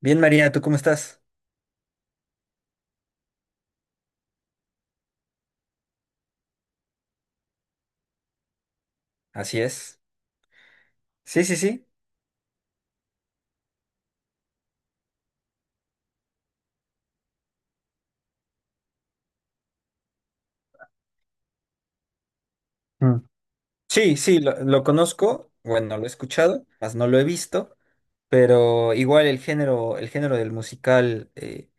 Bien, María, ¿tú cómo estás? Así es. Sí, sí, sí. Mm. Sí, sí, lo conozco. Bueno, lo he escuchado, más no lo he visto, pero igual el género del musical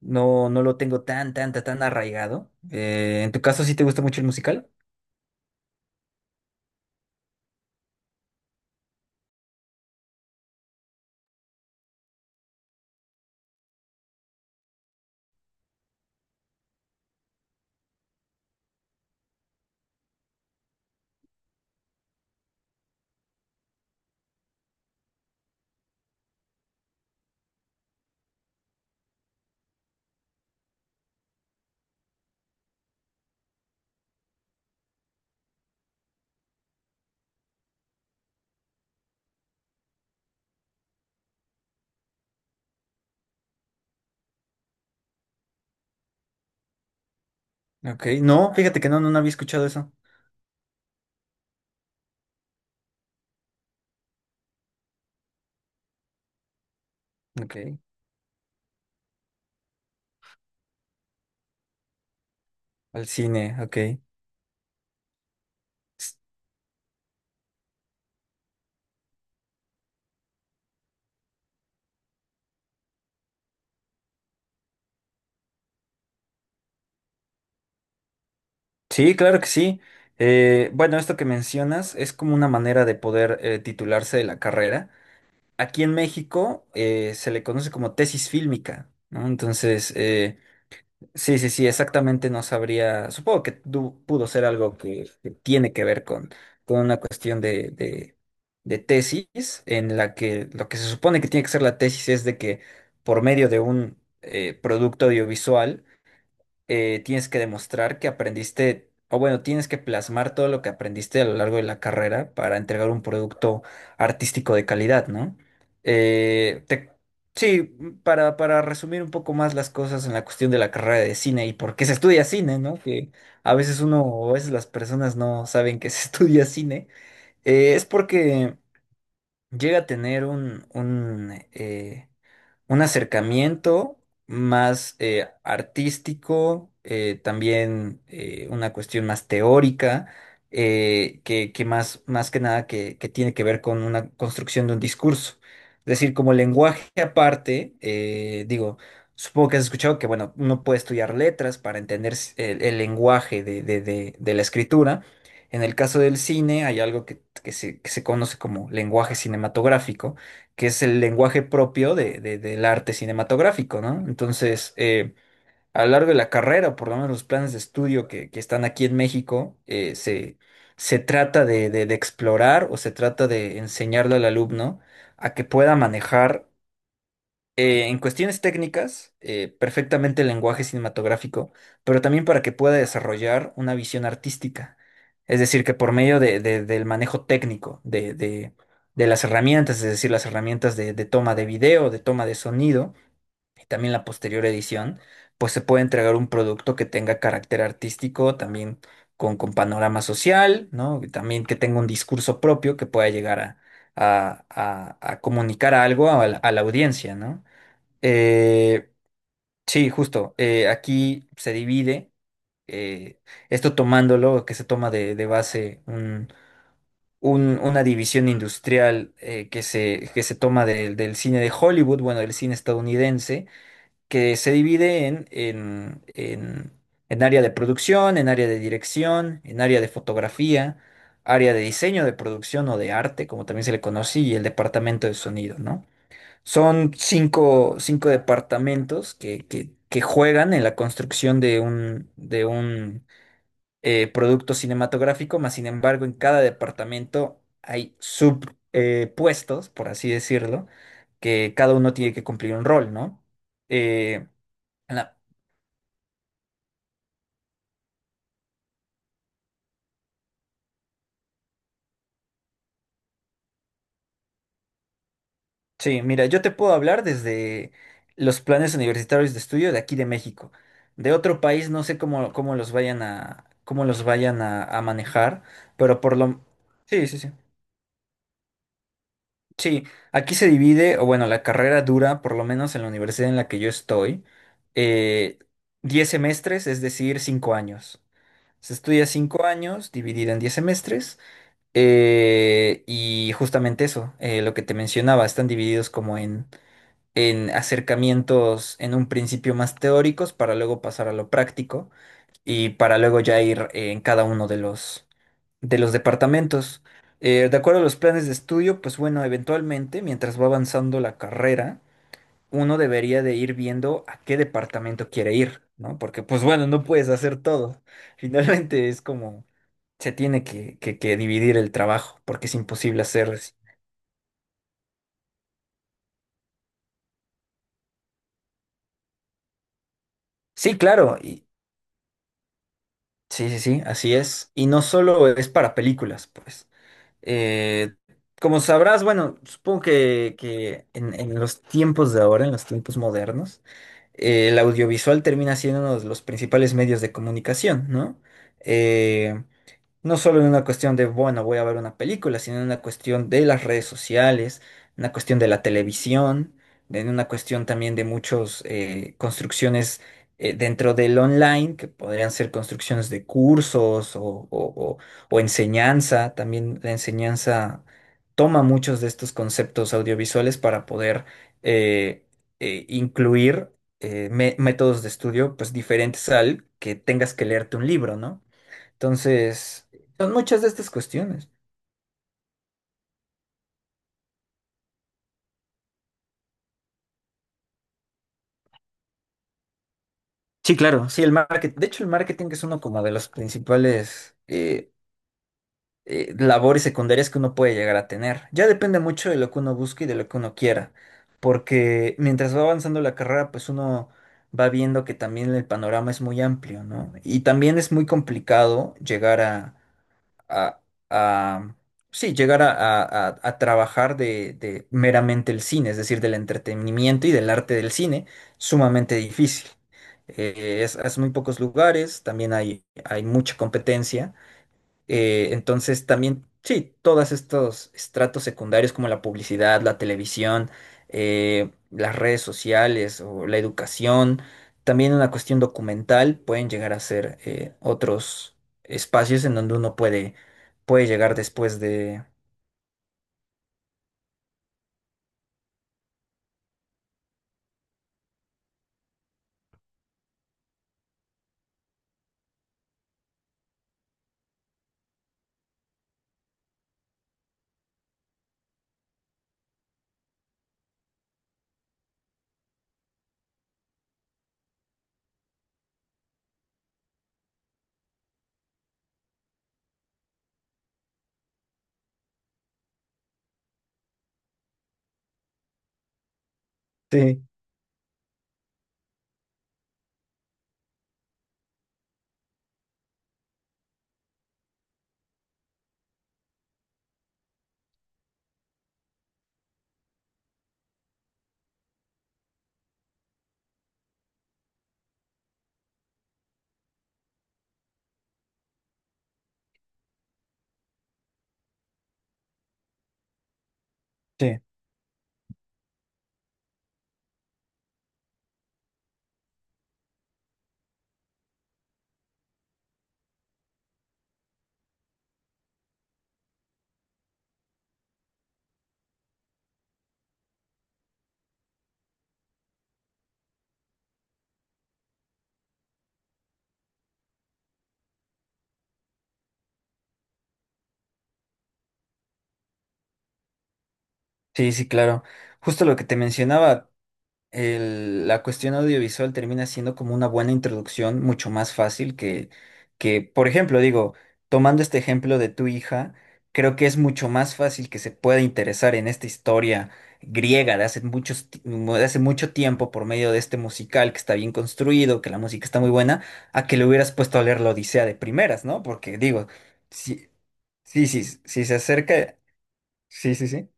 no, no lo tengo tan, tan, tan, tan arraigado. ¿En tu caso sí te gusta mucho el musical? Ok, no, fíjate que no, no, no había escuchado eso. Ok, al cine, ok. Sí, claro que sí. Bueno, esto que mencionas es como una manera de poder titularse de la carrera. Aquí en México se le conoce como tesis fílmica, ¿no? Entonces, sí, sí, sí, exactamente no sabría, supongo que pudo ser algo que tiene que ver con una cuestión de tesis, en la que lo que se supone que tiene que ser la tesis es de que por medio de un producto audiovisual, tienes que demostrar que aprendiste, o bueno, tienes que plasmar todo lo que aprendiste a lo largo de la carrera para entregar un producto artístico de calidad, ¿no? Eh, te- sí, para resumir un poco más las cosas en la cuestión de la carrera de cine y por qué se estudia cine, ¿no? Que a veces uno o a veces las personas no saben que se estudia cine, es porque llega a tener un acercamiento más artístico, también una cuestión más teórica, que más, más que nada que, que tiene que ver con una construcción de un discurso. Es decir, como lenguaje aparte, digo, supongo que has escuchado que, bueno, uno puede estudiar letras para entender el lenguaje de la escritura. En el caso del cine hay algo que se conoce como lenguaje cinematográfico que es el lenguaje propio de, del arte cinematográfico, ¿no? Entonces, a lo largo de la carrera, o por lo menos los planes de estudio que están aquí en México, se, se trata de, de explorar o se trata de enseñarle al alumno a que pueda manejar en cuestiones técnicas, perfectamente el lenguaje cinematográfico, pero también para que pueda desarrollar una visión artística. Es decir, que por medio del manejo técnico, de las herramientas, es decir, las herramientas de toma de video, de toma de sonido y también la posterior edición, pues se puede entregar un producto que tenga carácter artístico, también con panorama social, ¿no? Y también que tenga un discurso propio que pueda llegar a, a comunicar algo a la audiencia, ¿no? Eh, sí, justo. Aquí se divide, eh, esto tomándolo, que se toma de base una división industrial que se toma del del cine de Hollywood, bueno, del cine estadounidense, que se divide en área de producción, en área de dirección, en área de fotografía, área de diseño de producción o de arte, como también se le conoce, y el departamento de sonido, ¿no? Son cinco, cinco departamentos que juegan en la construcción de un producto cinematográfico, mas sin embargo, en cada departamento hay subpuestos, por así decirlo, que cada uno tiene que cumplir un rol, ¿no? Eh, en la- sí, mira, yo te puedo hablar desde los planes universitarios de estudio de aquí de México. De otro país no sé cómo, cómo los vayan a, cómo los vayan a manejar, pero por lo... Sí, sí, sí. Sí, aquí se divide, o bueno, la carrera dura, por lo menos en la universidad en la que yo estoy, eh, 10 semestres, es decir, 5 años. Se estudia 5 años, dividida en 10 semestres, y justamente eso, lo que te mencionaba, están divididos como en acercamientos en un principio más teóricos para luego pasar a lo práctico y para luego ya ir en cada uno de los departamentos. De acuerdo a los planes de estudio, pues bueno, eventualmente, mientras va avanzando la carrera, uno debería de ir viendo a qué departamento quiere ir, ¿no? Porque pues bueno, no puedes hacer todo. Finalmente es como se tiene que dividir el trabajo, porque es imposible hacer. Sí, claro, y sí, sí, sí, así es. Y no solo es para películas, pues. Eh, como sabrás, bueno, supongo que en los tiempos de ahora, en los tiempos modernos, el audiovisual termina siendo uno de los principales medios de comunicación, ¿no? Eh, no solo en una cuestión de, bueno, voy a ver una película, sino en una cuestión de las redes sociales, una cuestión de la televisión, en una cuestión también de muchas construcciones dentro del online, que podrían ser construcciones de cursos o, o- o- o enseñanza. También la enseñanza toma muchos de estos conceptos audiovisuales para poder eh, incluir métodos de estudio pues diferentes al que tengas que leerte un libro, ¿no? Entonces, son muchas de estas cuestiones. Sí, claro, sí, el marketing. De hecho, el marketing es uno como de los principales labores secundarias que uno puede llegar a tener. Ya depende mucho de lo que uno busque y de lo que uno quiera, porque mientras va avanzando la carrera, pues uno va viendo que también el panorama es muy amplio, ¿no? Y también es muy complicado llegar a, a- sí, llegar a, a trabajar de meramente el cine, es decir, del entretenimiento y del arte del cine, sumamente difícil. Es muy pocos lugares, también hay mucha competencia. Entonces también, sí, todos estos estratos secundarios como la publicidad, la televisión, las redes sociales o la educación, también una cuestión documental pueden llegar a ser otros espacios en donde uno puede, puede llegar después de... Sí, sí. Sí, sí, claro. Justo lo que te mencionaba. La cuestión audiovisual termina siendo como una buena introducción, mucho más fácil que, por ejemplo, digo, tomando este ejemplo de tu hija, creo que es mucho más fácil que se pueda interesar en esta historia griega de hace muchos, de hace mucho tiempo por medio de este musical que está bien construido, que la música está muy buena, a que le hubieras puesto a leer la Odisea de primeras, ¿no? Porque digo, si, sí, sí, sí, si se acerca, sí, sí, sí.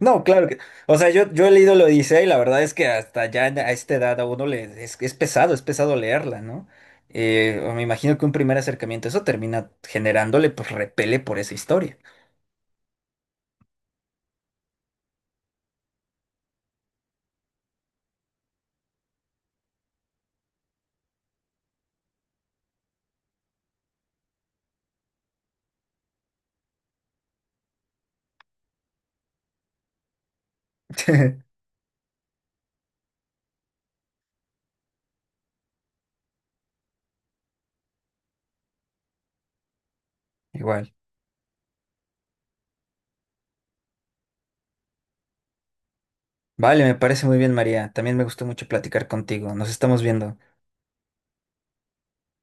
No, claro que. O sea, yo he leído la Odisea y la verdad es que hasta ya a esta edad a uno le es pesado leerla, ¿no? Me imagino que un primer acercamiento, eso termina generándole, pues, repele por esa historia. Igual. Vale, me parece muy bien, María. También me gustó mucho platicar contigo. Nos estamos viendo.